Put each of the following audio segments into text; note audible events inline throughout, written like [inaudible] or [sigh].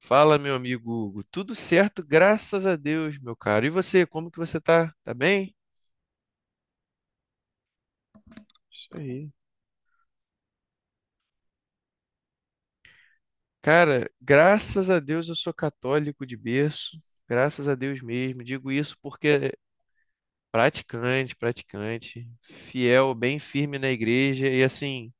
Fala, meu amigo Hugo. Tudo certo, graças a Deus, meu caro. E você, como que você tá? Tá bem? Isso aí. Cara, graças a Deus eu sou católico de berço. Graças a Deus mesmo. Digo isso porque é praticante, praticante, fiel, bem firme na igreja e assim.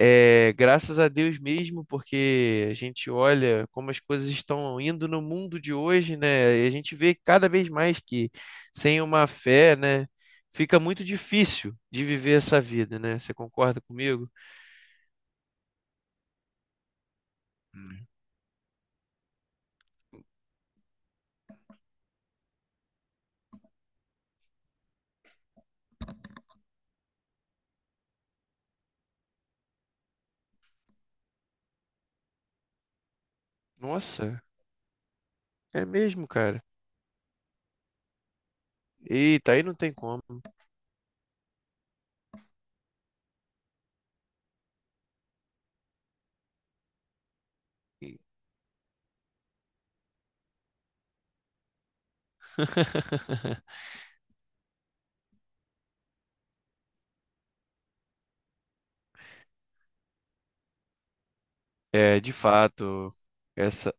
É, graças a Deus mesmo, porque a gente olha como as coisas estão indo no mundo de hoje, né? E a gente vê cada vez mais que sem uma fé, né, fica muito difícil de viver essa vida, né? Você concorda comigo? Nossa, é mesmo, cara. Eita, aí não tem como. [laughs] É, de fato, essa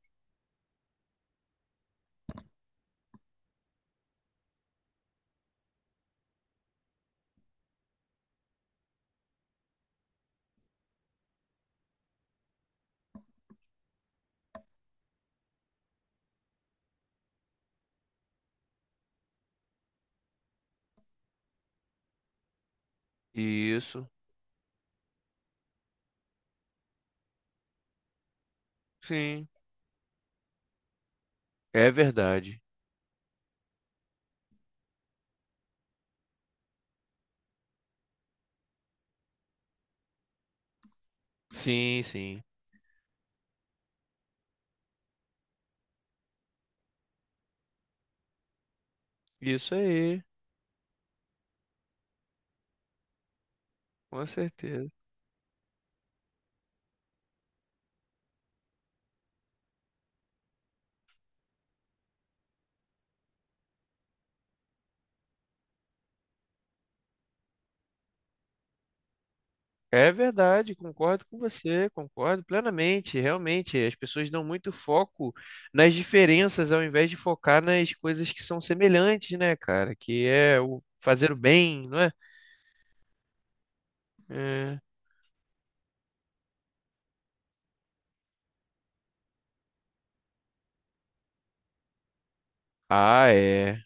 isso. Sim, é verdade. Sim, sim. Isso aí, com certeza. É verdade, concordo com você, concordo plenamente. Realmente, as pessoas dão muito foco nas diferenças ao invés de focar nas coisas que são semelhantes, né, cara? Que é o fazer o bem, não é? É. Ah, é.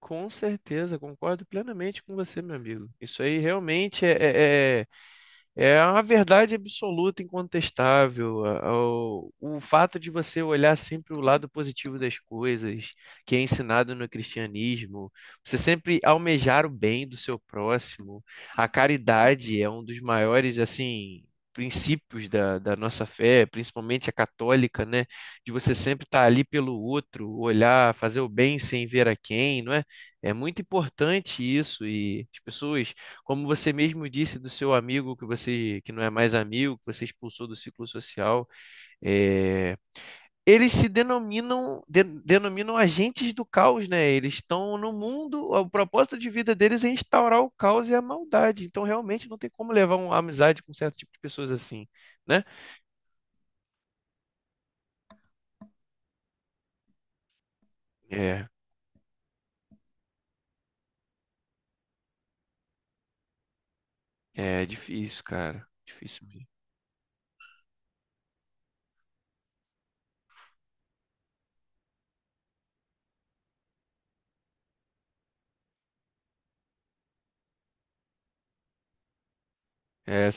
Com certeza, concordo plenamente com você, meu amigo. Isso aí realmente é a verdade absoluta, incontestável. O fato de você olhar sempre o lado positivo das coisas, que é ensinado no cristianismo, você sempre almejar o bem do seu próximo. A caridade é um dos maiores, assim, princípios da, da nossa fé, principalmente a católica, né? De você sempre estar ali pelo outro, olhar, fazer o bem sem ver a quem, não é? É muito importante isso e as pessoas, como você mesmo disse, do seu amigo que você que não é mais amigo, que você expulsou do ciclo social, é, eles se denominam agentes do caos, né? Eles estão no mundo, o propósito de vida deles é instaurar o caos e a maldade. Então, realmente não tem como levar uma amizade com certo tipo de pessoas assim, né? É, é difícil, cara. Difícil mesmo. É,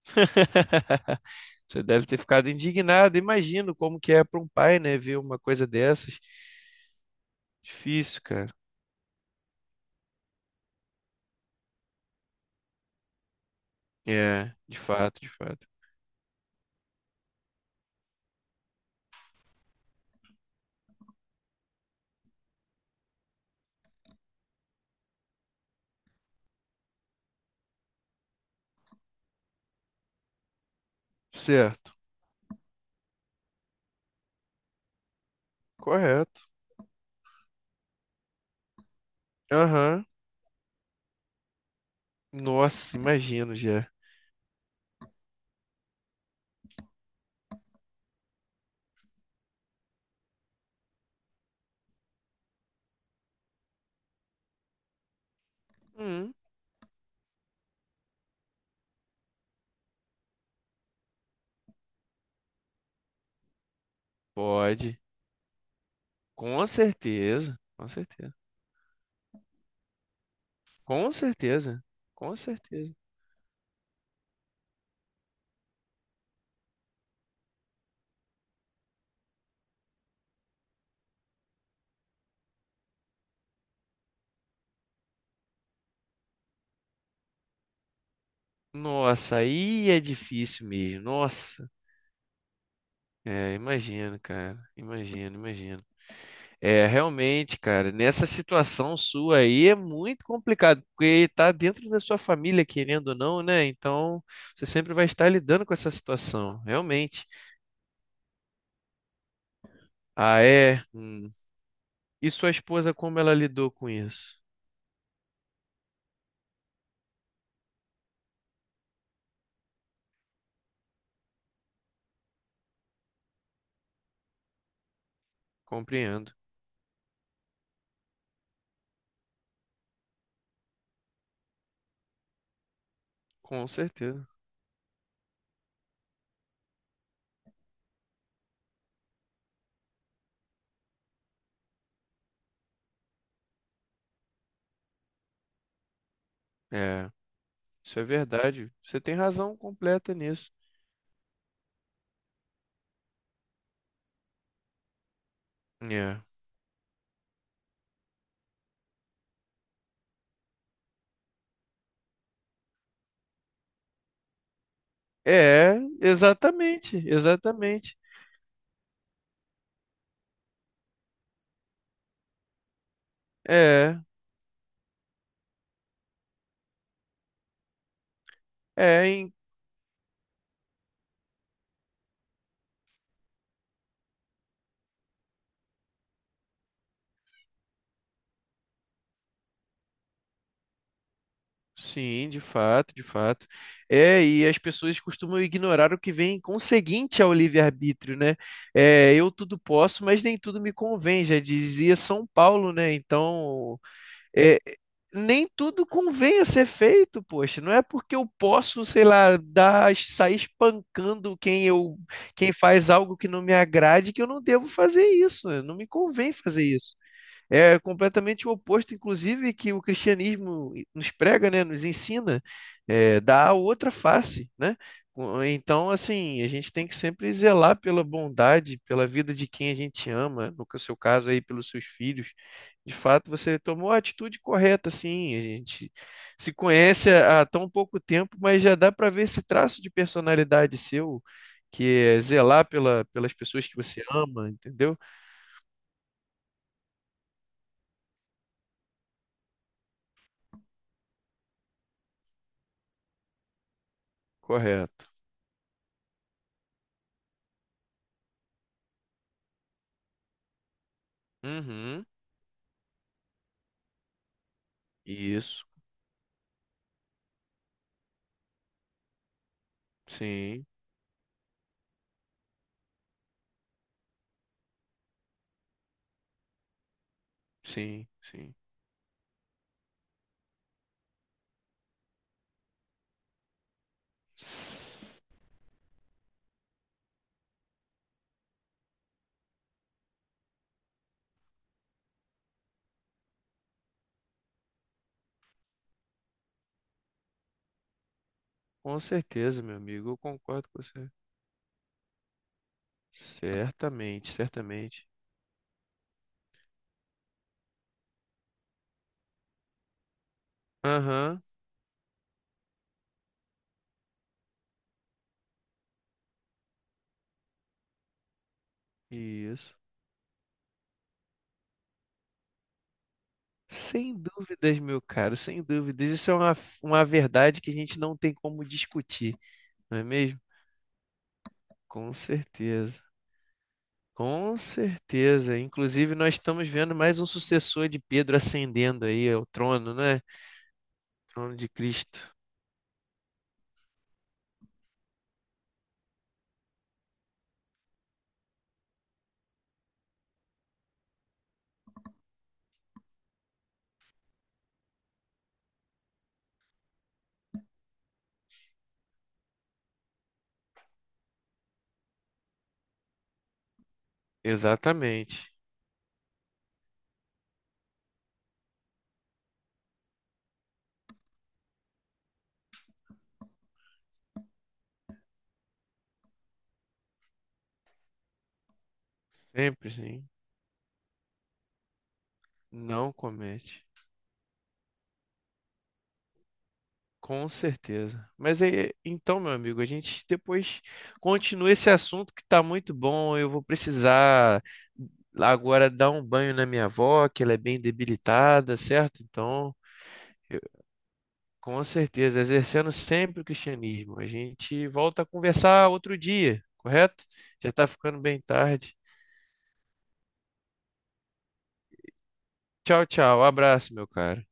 [laughs] você deve ter ficado indignado. Imagino como que é para um pai, né, ver uma coisa dessas. Difícil, cara. É, de fato, de fato. Certo, correto. Aham. Nossa, imagino já. Hum, pode. Com certeza, com certeza. Com certeza, com certeza. Nossa, aí é difícil mesmo. Nossa, é, imagino, cara. Imagino, imagino. É, realmente, cara, nessa situação sua aí é muito complicado, porque tá dentro da sua família, querendo ou não, né? Então, você sempre vai estar lidando com essa situação, realmente. Ah, é? E sua esposa, como ela lidou com isso? Compreendo. Com certeza. É, isso é verdade. Você tem razão completa nisso. É. É, exatamente, exatamente. É, é, em- sim, de fato, de fato. É, e as pessoas costumam ignorar o que vem conseguinte ao livre-arbítrio, né? É, eu tudo posso, mas nem tudo me convém, já dizia São Paulo, né? Então, é, nem tudo convém a ser feito, poxa. Não é porque eu posso, sei lá, sair espancando quem faz algo que não me agrade que eu não devo fazer isso. Não me convém fazer isso. É completamente o oposto, inclusive, que o cristianismo nos prega, né? Nos ensina, é, dá a outra face, né? Então, assim, a gente tem que sempre zelar pela bondade, pela vida de quem a gente ama, no que- seu caso aí, pelos seus filhos. De fato, você tomou a atitude correta, sim. A gente se conhece há tão pouco tempo, mas já dá para ver esse traço de personalidade seu, que é zelar pelas pessoas que você ama, entendeu? Correto. Uhum. Isso, sim, sim, sim. Com certeza, meu amigo, eu concordo com você. Certamente, certamente. Aham, isso. Sem dúvidas, meu caro, sem dúvidas. Uma verdade que a gente não tem como discutir, não é mesmo? Com certeza, com certeza. Inclusive, nós estamos vendo mais um sucessor de Pedro ascendendo aí ao trono, né? Trono de Cristo. Exatamente. Sempre sim. Não comete. Com certeza. Mas é, é, então, meu amigo, a gente depois continua esse assunto que tá muito bom. Eu vou precisar agora dar um banho na minha avó, que ela é bem debilitada, certo? Então, eu- com certeza, exercendo sempre o cristianismo. A gente volta a conversar outro dia, correto? Já tá ficando bem tarde. Tchau, tchau. Abraço, meu cara.